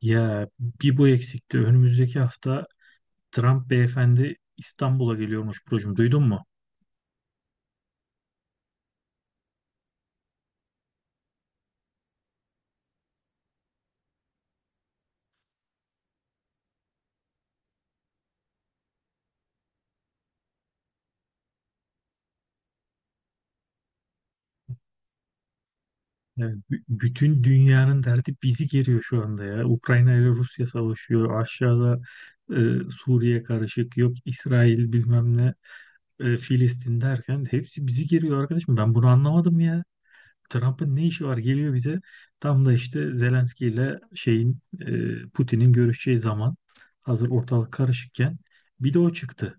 Ya bir bu eksikti. Önümüzdeki hafta Trump beyefendi İstanbul'a geliyormuş Burcu'm. Duydun mu? Ya bütün dünyanın derdi bizi geriyor şu anda ya. Ukrayna ile Rusya savaşıyor. Aşağıda e, Suriye karışık. Yok İsrail bilmem ne. Filistin derken hepsi bizi geriyor arkadaşım. Ben bunu anlamadım ya. Trump'ın ne işi var? Geliyor bize. Tam da işte Zelenski ile şeyin Putin'in görüşeceği zaman hazır ortalık karışıkken bir de o çıktı.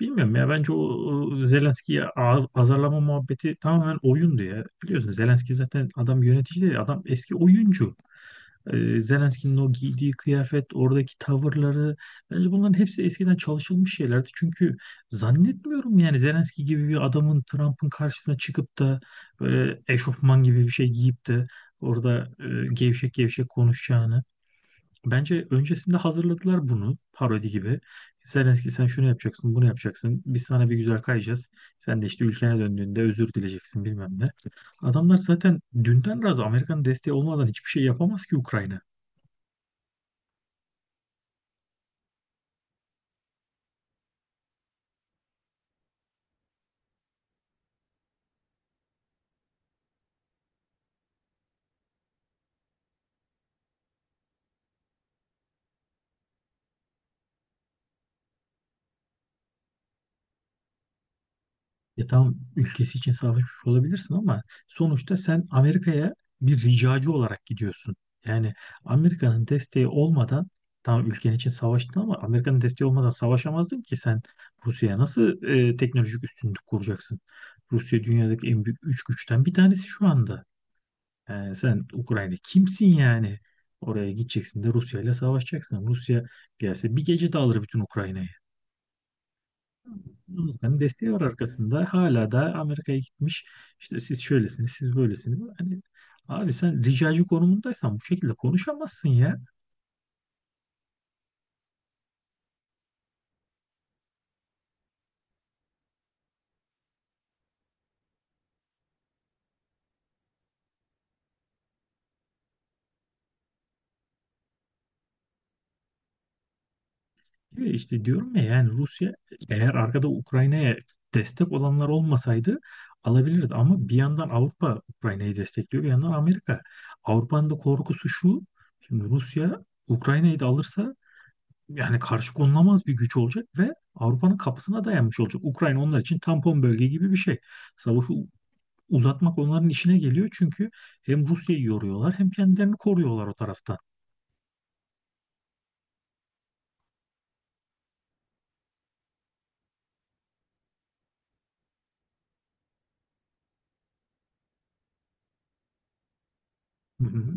Bilmiyorum ya bence o Zelenski'yi azarlama muhabbeti tamamen oyundu ya. Biliyorsun Zelenski zaten adam yönetici değil, adam eski oyuncu. Zelenski'nin o giydiği kıyafet, oradaki tavırları bence bunların hepsi eskiden çalışılmış şeylerdi. Çünkü zannetmiyorum yani Zelenski gibi bir adamın Trump'ın karşısına çıkıp da böyle eşofman gibi bir şey giyip de orada gevşek gevşek konuşacağını. Bence öncesinde hazırladılar bunu parodi gibi. Zelenski sen şunu yapacaksın, bunu yapacaksın. Biz sana bir güzel kayacağız. Sen de işte ülkene döndüğünde özür dileyeceksin bilmem ne. Adamlar zaten dünden razı, Amerika'nın desteği olmadan hiçbir şey yapamaz ki Ukrayna. Ya tamam, ülkesi için savaşmış olabilirsin ama sonuçta sen Amerika'ya bir ricacı olarak gidiyorsun. Yani Amerika'nın desteği olmadan, tamam ülken için savaştın ama Amerika'nın desteği olmadan savaşamazdın ki sen. Rusya'ya nasıl teknolojik üstünlük kuracaksın? Rusya dünyadaki en büyük üç güçten bir tanesi şu anda. Yani sen Ukrayna kimsin yani? Oraya gideceksin de Rusya ile savaşacaksın. Rusya gelse bir gece de alır bütün Ukrayna'yı. Amerika'nın desteği var arkasında. Hala da Amerika'ya gitmiş. İşte siz şöylesiniz, siz böylesiniz. Hani abi, sen ricacı konumundaysan bu şekilde konuşamazsın ya. Ve işte diyorum ya, yani Rusya, eğer arkada Ukrayna'ya destek olanlar olmasaydı, alabilirdi. Ama bir yandan Avrupa Ukrayna'yı destekliyor, bir yandan Amerika. Avrupa'nın da korkusu şu: Şimdi Rusya Ukrayna'yı da alırsa, yani karşı konulamaz bir güç olacak ve Avrupa'nın kapısına dayanmış olacak. Ukrayna onlar için tampon bölge gibi bir şey. Savaşı uzatmak onların işine geliyor çünkü hem Rusya'yı yoruyorlar hem kendilerini koruyorlar o taraftan. Hı hı.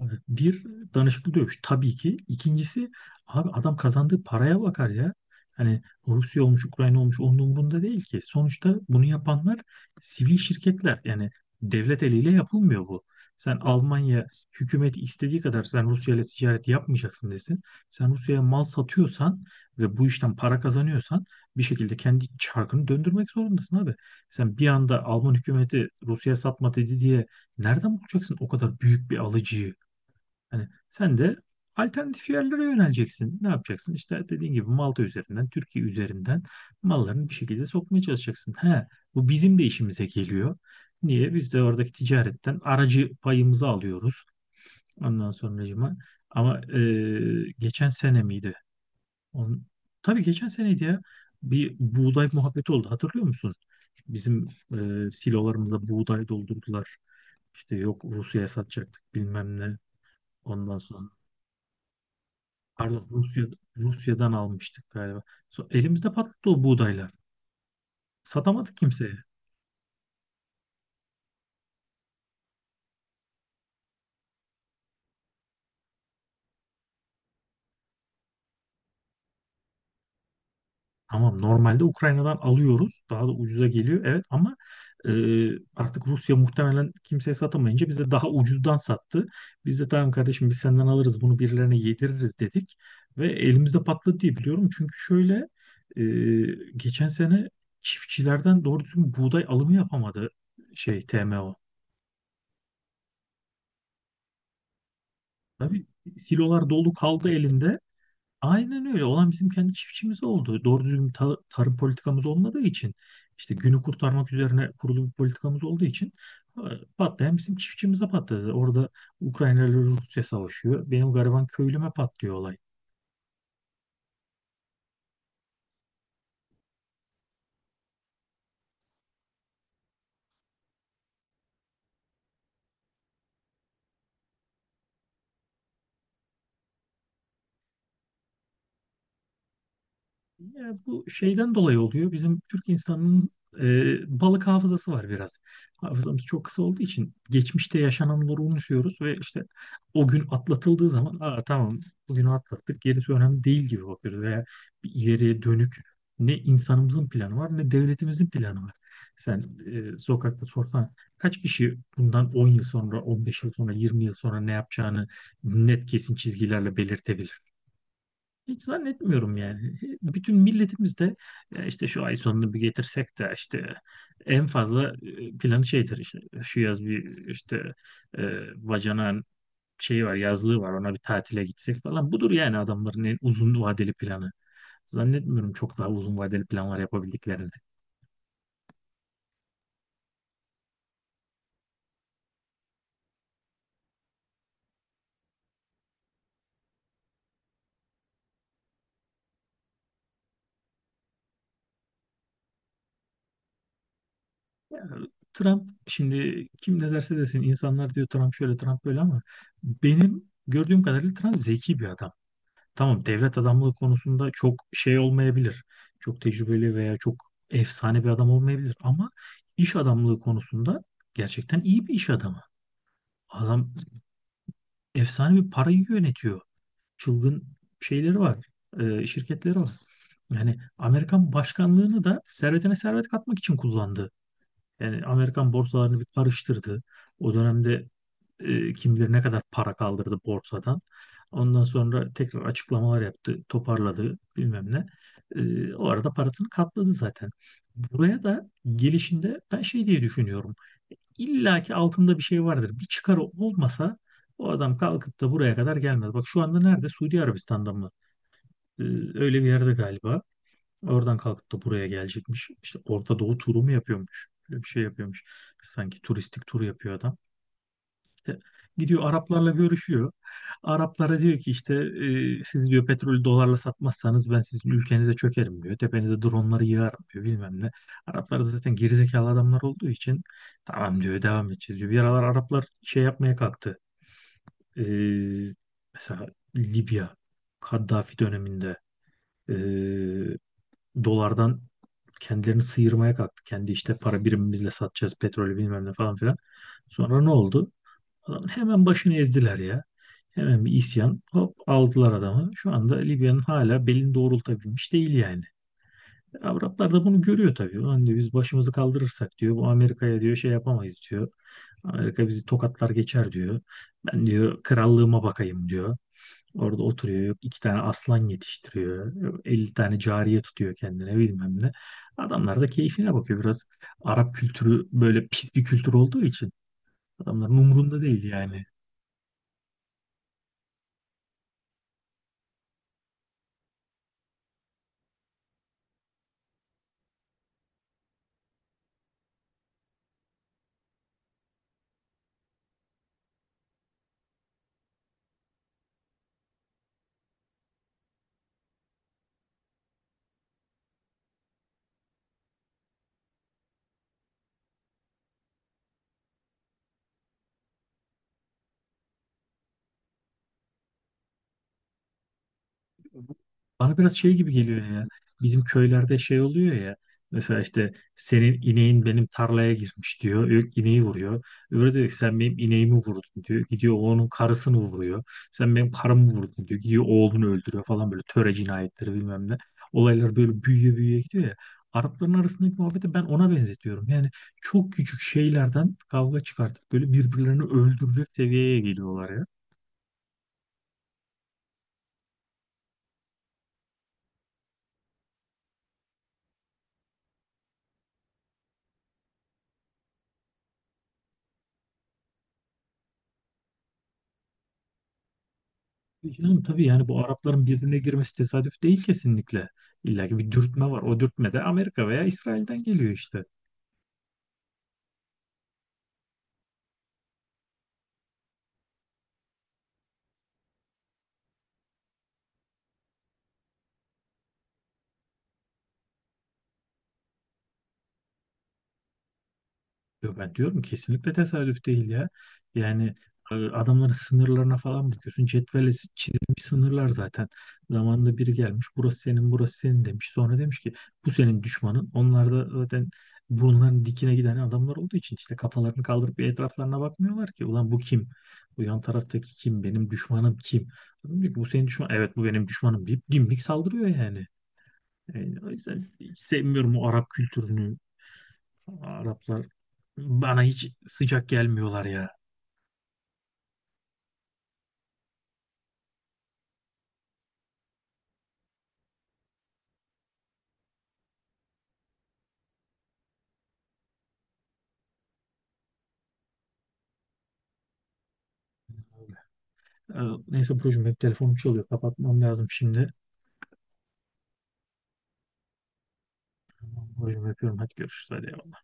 Evet, bir danışıklı dövüş tabii ki. İkincisi, abi adam kazandığı paraya bakar ya. Hani Rusya olmuş, Ukrayna olmuş, onun umurunda değil ki. Sonuçta bunu yapanlar sivil şirketler. Yani devlet eliyle yapılmıyor bu. Sen Almanya hükümeti istediği kadar "sen Rusya ile ticaret yapmayacaksın" desin. Sen Rusya'ya mal satıyorsan ve bu işten para kazanıyorsan bir şekilde kendi çarkını döndürmek zorundasın abi. Sen bir anda Alman hükümeti Rusya'ya satma dedi diye nereden bulacaksın o kadar büyük bir alıcıyı? Hani sen de alternatif yerlere yöneleceksin. Ne yapacaksın? İşte dediğin gibi Malta üzerinden, Türkiye üzerinden mallarını bir şekilde sokmaya çalışacaksın. He, bu bizim de işimize geliyor. Niye? Biz de oradaki ticaretten aracı payımızı alıyoruz. Ondan sonracıma. Ama geçen sene miydi? On, tabii geçen seneydi ya. Bir buğday muhabbeti oldu. Hatırlıyor musun? Bizim silolarımıza buğday doldurdular. İşte yok Rusya'ya satacaktık bilmem ne. Ondan sonra, pardon Rusya, Rusya'dan almıştık galiba. Elimizde patladı o buğdaylar. Satamadık kimseye. Tamam, normalde Ukrayna'dan alıyoruz. Daha da ucuza geliyor. Evet ama e, artık Rusya muhtemelen kimseye satamayınca bize daha ucuzdan sattı. Biz de "tamam kardeşim, biz senden alırız, bunu birilerine yediririz" dedik. Ve elimizde patladı diye biliyorum. Çünkü şöyle, e, geçen sene çiftçilerden doğru düzgün buğday alımı yapamadı şey, TMO. Tabii, silolar dolu kaldı elinde. Aynen öyle. Olan bizim kendi çiftçimiz oldu. Doğru düzgün tarım politikamız olmadığı için, işte günü kurtarmak üzerine kurulu bir politikamız olduğu için, e, patlayan bizim çiftçimize patladı. Orada Ukrayna ile Rusya savaşıyor. Benim gariban köylüme patlıyor olay. Ya bu şeyden dolayı oluyor. Bizim Türk insanının balık hafızası var biraz. Hafızamız çok kısa olduğu için geçmişte yaşananları unutuyoruz ve işte o gün atlatıldığı zaman "aa, tamam, bugünü atlattık, gerisi önemli değil" gibi bakıyoruz. Veya bir ileriye dönük ne insanımızın planı var, ne devletimizin planı var. Sen sokakta sorsan kaç kişi bundan 10 yıl sonra, 15 yıl sonra, 20 yıl sonra ne yapacağını net kesin çizgilerle belirtebilir? Hiç zannetmiyorum yani. Bütün milletimiz de "ya işte şu ay sonunu bir getirsek de işte en fazla planı şeydir, işte şu yaz bir işte bacanağın şeyi var, yazlığı var, ona bir tatile gitsek" falan. Budur yani adamların en uzun vadeli planı. Zannetmiyorum çok daha uzun vadeli planlar yapabildiklerini. Trump, şimdi kim ne derse desin, insanlar diyor Trump şöyle, Trump böyle, ama benim gördüğüm kadarıyla Trump zeki bir adam. Tamam, devlet adamlığı konusunda çok şey olmayabilir. Çok tecrübeli veya çok efsane bir adam olmayabilir, ama iş adamlığı konusunda gerçekten iyi bir iş adamı. Adam efsane bir parayı yönetiyor. Çılgın şeyleri var. Şirketleri var. Yani Amerikan başkanlığını da servetine servet katmak için kullandı. Yani Amerikan borsalarını bir karıştırdı. O dönemde kim bilir ne kadar para kaldırdı borsadan. Ondan sonra tekrar açıklamalar yaptı, toparladı bilmem ne. O arada parasını katladı zaten. Buraya da gelişinde ben şey diye düşünüyorum: İlla ki altında bir şey vardır. Bir çıkarı olmasa o adam kalkıp da buraya kadar gelmez. Bak şu anda nerede? Suudi Arabistan'da mı? E, öyle bir yerde galiba. Oradan kalkıp da buraya gelecekmiş. İşte Orta Doğu turu mu yapıyormuş? Böyle bir şey yapıyormuş. Sanki turistik tur yapıyor adam. İşte gidiyor Araplarla görüşüyor. Araplara diyor ki işte "siz" diyor, "petrolü dolarla satmazsanız ben sizin ülkenize çökerim" diyor. "Tepenize dronları yığarım" diyor bilmem ne. Araplar da zaten gerizekalı adamlar olduğu için "tamam" diyor, "devam edeceğiz" diyor. Bir aralar Araplar şey yapmaya kalktı. E, mesela Libya, Kaddafi döneminde, e, dolardan kendilerini sıyırmaya kalktı. "Kendi işte para birimimizle satacağız petrolü" bilmem ne falan filan. Sonra ne oldu? Adam hemen başını ezdiler ya. Hemen bir isyan, hop aldılar adamı. Şu anda Libya'nın hala belini doğrultabilmiş değil yani. Araplar da bunu görüyor tabii. "Ulan" diyor, "biz başımızı kaldırırsak" diyor, "bu Amerika'ya" diyor, "şey yapamayız" diyor. "Amerika bizi tokatlar geçer" diyor. "Ben" diyor, "krallığıma bakayım" diyor. Orada oturuyor. Yok, iki tane aslan yetiştiriyor. Yok, 50 tane cariye tutuyor kendine bilmem ne. Adamlar da keyfine bakıyor. Biraz Arap kültürü böyle pis bir kültür olduğu için adamların umurunda değil yani. Bana biraz şey gibi geliyor ya. Bizim köylerde şey oluyor ya. Mesela işte "senin ineğin benim tarlaya girmiş" diyor. İneği vuruyor. Öbürü diyor ki "sen benim ineğimi vurdun" diyor. Gidiyor onun karısını vuruyor. "Sen benim karımı vurdun" diyor. Gidiyor oğlunu öldürüyor falan, böyle töre cinayetleri bilmem ne. Olaylar böyle büyüye büyüye gidiyor ya. Arapların arasındaki muhabbeti ben ona benzetiyorum. Yani çok küçük şeylerden kavga çıkartıp böyle birbirlerini öldürecek seviyeye geliyorlar ya. Yani tabii yani bu Arapların birbirine girmesi tesadüf değil kesinlikle. İlla ki bir dürtme var. O dürtme de Amerika veya İsrail'den geliyor işte. Yo, ben diyorum kesinlikle tesadüf değil ya. Yani adamların sınırlarına falan bakıyorsun. Cetvelle çizilmiş sınırlar zaten. Zamanında biri gelmiş. "Burası senin, burası senin" demiş. Sonra demiş ki "bu senin düşmanın". Onlar da zaten bunların dikine giden adamlar olduğu için işte kafalarını kaldırıp bir etraflarına bakmıyorlar ki. "Ulan bu kim? Bu yan taraftaki kim? Benim düşmanım kim?" Adam diyor ki "bu senin düşman". "Evet, bu benim düşmanım" deyip dimdik saldırıyor yani. Yani o yüzden hiç sevmiyorum o Arap kültürünü. Araplar bana hiç sıcak gelmiyorlar ya. Ee, Neyse Burcu'm, hep telefonum çalıyor. Kapatmam lazım şimdi. Burcu'm öpüyorum. Hadi görüşürüz. Hadi.